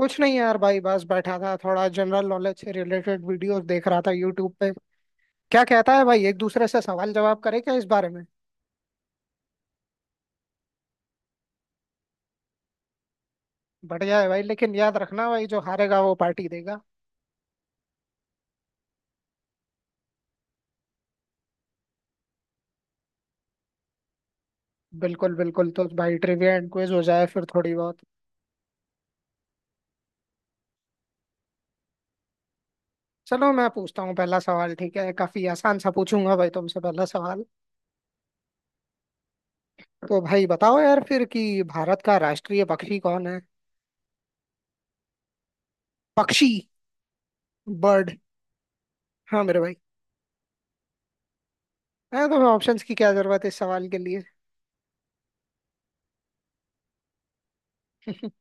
कुछ नहीं यार भाई बस बैठा था थोड़ा जनरल नॉलेज से रिलेटेड वीडियोस देख रहा था यूट्यूब पे। क्या कहता है भाई एक दूसरे से सवाल जवाब करे क्या इस बारे में? बढ़िया है भाई, लेकिन याद रखना भाई जो हारेगा वो पार्टी देगा। बिल्कुल बिल्कुल। तो भाई ट्रिविया एंड क्विज हो जाए फिर थोड़ी बहुत। चलो मैं पूछता हूँ पहला सवाल। ठीक है, काफी आसान सा पूछूंगा भाई तुमसे पहला सवाल। तो भाई बताओ यार फिर कि भारत का राष्ट्रीय पक्षी कौन है? पक्षी। बर्ड। हाँ मेरे भाई। है तुम्हें ऑप्शंस की क्या जरूरत है इस सवाल के लिए?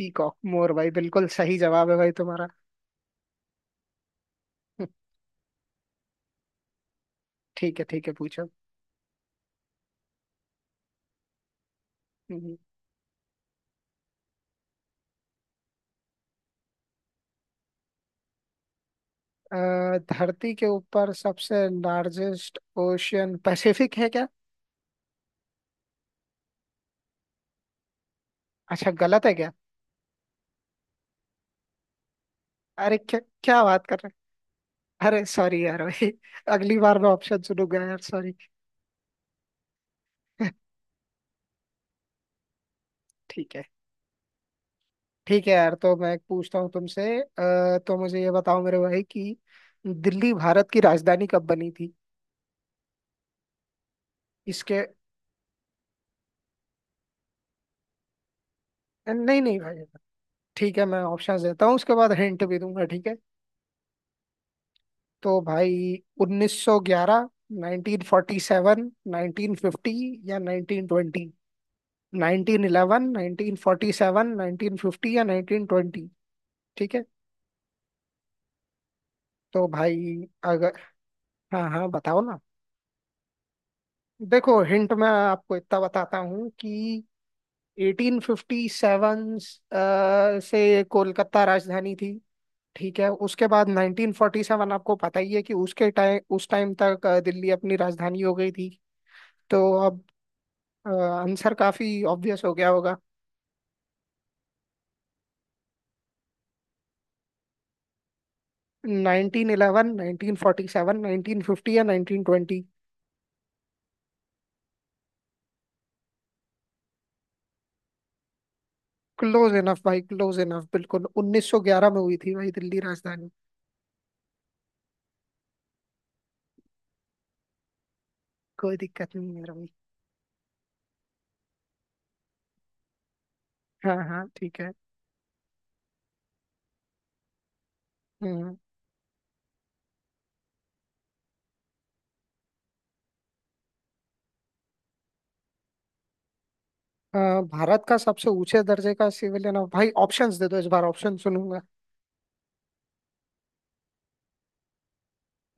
पीकॉक, मोर भाई, बिल्कुल सही जवाब है भाई तुम्हारा। ठीक है ठीक है, पूछो। हम्म। धरती के ऊपर सबसे लार्जेस्ट ओशियन पैसिफिक है क्या? अच्छा, गलत है क्या? अरे क्या क्या बात कर रहे हैं? अरे सॉरी यार भाई, अगली बार मैं ऑप्शन सुनूंगा यार, सॉरी। ठीक है। ठीक है यार, तो मैं पूछता हूँ तुमसे। तो मुझे ये बताओ मेरे भाई कि दिल्ली भारत की राजधानी कब बनी थी? इसके नहीं नहीं भाई, ठीक है, मैं ऑप्शन देता हूँ, उसके बाद हिंट भी दूंगा, ठीक है। तो भाई, 1911, 1947, 1950 या 1920। 1911, 1947, 1950 या 1920। ठीक है। तो भाई अगर हाँ हाँ बताओ ना। देखो हिंट मैं आपको इतना बताता हूँ कि 1857 से कोलकाता राजधानी थी। ठीक है, उसके बाद 1947 आपको पता ही है कि उसके टाइम उस टाइम तक दिल्ली अपनी राजधानी हो गई थी। तो अब आंसर काफी ऑब्वियस हो गया होगा। 1911, 1947, 1950 या 1920। क्लोज इनफ भाई, क्लोज इनफ, बिल्कुल 1911 में हुई थी भाई दिल्ली राजधानी। कोई दिक्कत नहीं है मेरा भाई। हाँ हाँ ठीक है। हम्म। भारत का सबसे ऊंचे दर्जे का सिविलियन ऑफ भाई, ऑप्शंस दे दो, इस बार ऑप्शन सुनूंगा।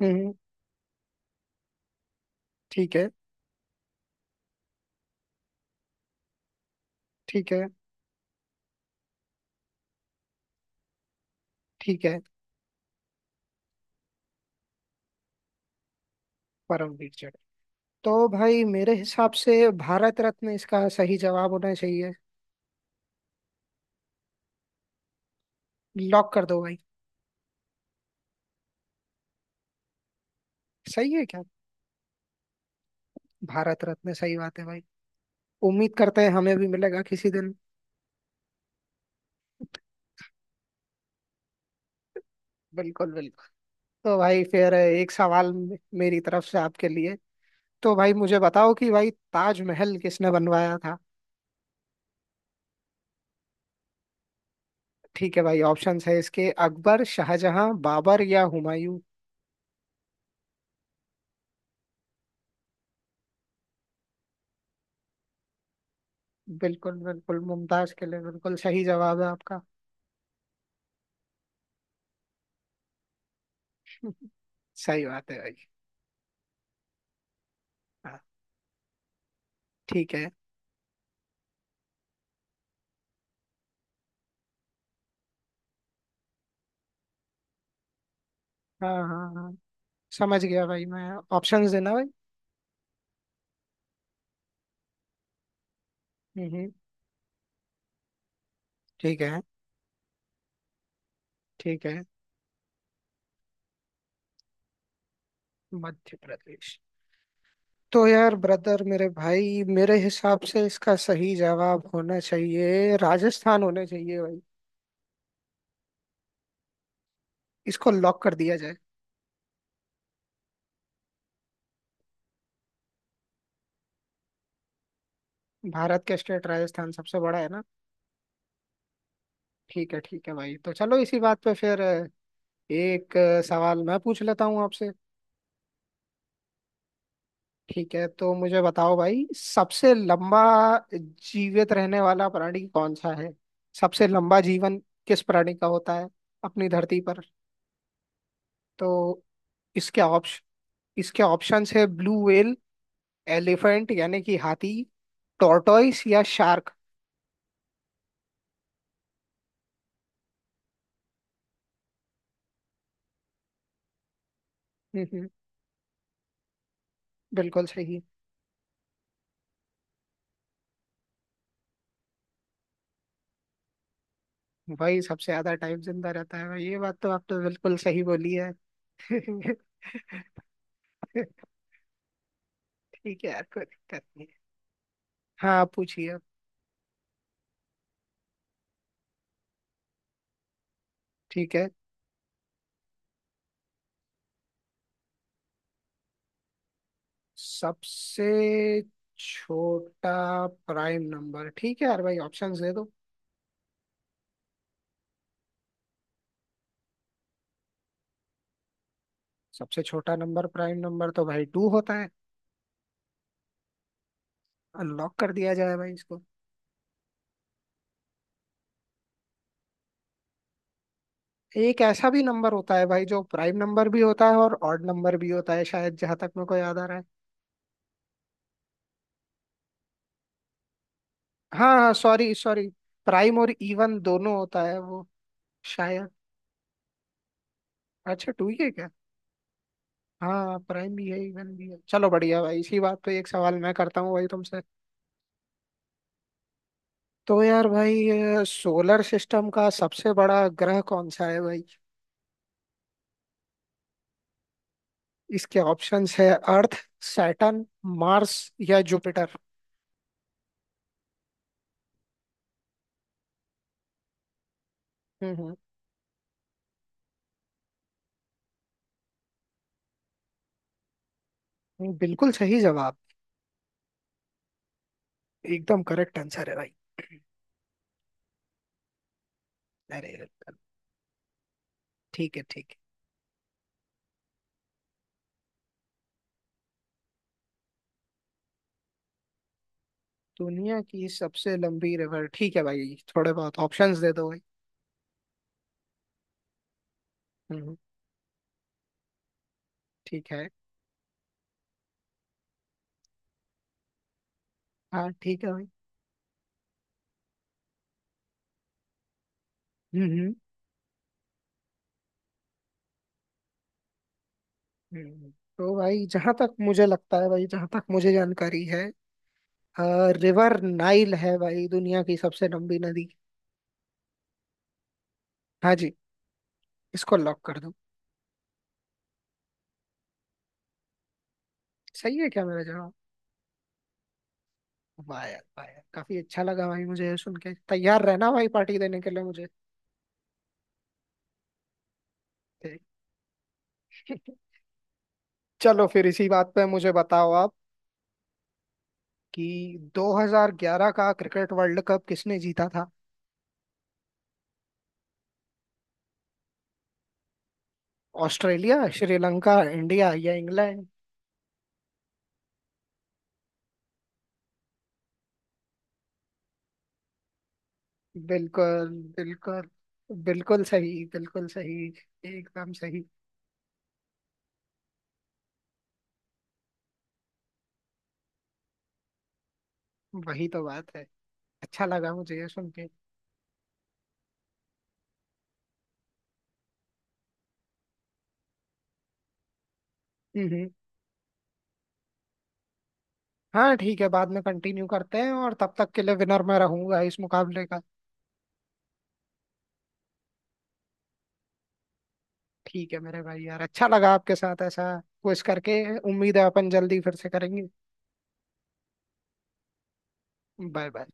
हम्म। ठीक है। ठीक है। ठीक है। परमवीर चटर्जी। तो भाई मेरे हिसाब से भारत रत्न इसका सही जवाब होना चाहिए। लॉक कर दो भाई। सही है क्या? भारत रत्न, सही बात है भाई। उम्मीद करते हैं हमें भी मिलेगा किसी दिन। बिल्कुल बिल्कुल। तो भाई फिर एक सवाल मेरी तरफ से आपके लिए। तो भाई मुझे बताओ कि भाई ताजमहल किसने बनवाया था? ठीक है भाई, ऑप्शंस है इसके, अकबर, शाहजहां, बाबर या हुमायूं। बिल्कुल बिल्कुल, मुमताज के लिए, बिल्कुल सही जवाब है आपका। सही बात है भाई। हाँ। ठीक है। हाँ हाँ हाँ, समझ गया भाई मैं। ऑप्शंस देना भाई। हम्म, हम्म। ठीक है। ठीक है। मध्य प्रदेश। तो यार ब्रदर, मेरे भाई, मेरे हिसाब से इसका सही जवाब होना चाहिए, राजस्थान होना चाहिए भाई। इसको लॉक कर दिया जाए। भारत के स्टेट राजस्थान सबसे बड़ा है ना। ठीक है भाई, तो चलो इसी बात पे फिर एक सवाल मैं पूछ लेता हूँ आपसे। ठीक है, तो मुझे बताओ भाई, सबसे लंबा जीवित रहने वाला प्राणी कौन सा है? सबसे लंबा जीवन किस प्राणी का होता है अपनी धरती पर? तो इसके ऑप्शन, इसके ऑप्शंस है, ब्लू व्हेल, एलिफेंट यानी कि हाथी, टॉर्टोइस या शार्क। हम्म, बिल्कुल सही। भाई सबसे ज्यादा टाइम जिंदा रहता है भाई, ये बात तो आपने बिल्कुल सही बोली है। ठीक है यार, कोई दिक्कत नहीं। हाँ आप पूछिए अब। ठीक है। सबसे छोटा प्राइम नंबर, ठीक है यार भाई, ऑप्शंस दे दो। सबसे छोटा नंबर, प्राइम नंबर तो भाई टू होता है। अनलॉक कर दिया जाए भाई। एक ऐसा भी नंबर होता है भाई जो प्राइम नंबर भी होता है और ऑड नंबर भी होता है, शायद, जहां तक मेरे को याद आ रहा है। हाँ हाँ सॉरी सॉरी। प्राइम और इवन दोनों होता है वो, शायद। अच्छा, टू ही है क्या? हाँ, प्राइम भी है इवन भी है। चलो बढ़िया भाई, इसी बात पे एक सवाल मैं करता हूँ भाई तुमसे। तो यार भाई, सोलर सिस्टम का सबसे बड़ा ग्रह कौन सा है भाई? इसके ऑप्शंस है, अर्थ, सैटर्न, मार्स या जुपिटर। हम्म, बिल्कुल सही जवाब, एकदम करेक्ट आंसर है भाई। अरे ठीक है, ठीक है। दुनिया की सबसे लंबी रिवर, ठीक है भाई, थोड़े बहुत ऑप्शंस दे दो भाई। हम्म, हम्म। ठीक है। हाँ ठीक है भाई। हम्म, हम्म। हम्म। हम्म। तो भाई जहां तक मुझे लगता है भाई, जहां तक मुझे जानकारी है, रिवर नाइल है भाई दुनिया की सबसे लंबी नदी। हाँ जी। इसको लॉक कर दो। सही है क्या मेरा जवाब? वाह यार, वाह यार, काफी अच्छा लगा भाई मुझे ये सुन के। तैयार रहना भाई, पार्टी देने के लिए मुझे। ठीक। चलो फिर इसी बात पे मुझे बताओ आप कि 2011 का क्रिकेट वर्ल्ड कप किसने जीता था? ऑस्ट्रेलिया, श्रीलंका, इंडिया या इंग्लैंड। बिल्कुल बिल्कुल, बिल्कुल सही, बिल्कुल सही, एकदम सही। वही तो बात है। अच्छा लगा मुझे ये सुन के। हम्म, हाँ ठीक है, बाद में कंटिन्यू करते हैं, और तब तक के लिए विनर मैं रहूंगा इस मुकाबले का। ठीक है मेरे भाई यार, अच्छा लगा आपके साथ ऐसा कुछ करके, उम्मीद है अपन जल्दी फिर से करेंगे। Bye bye.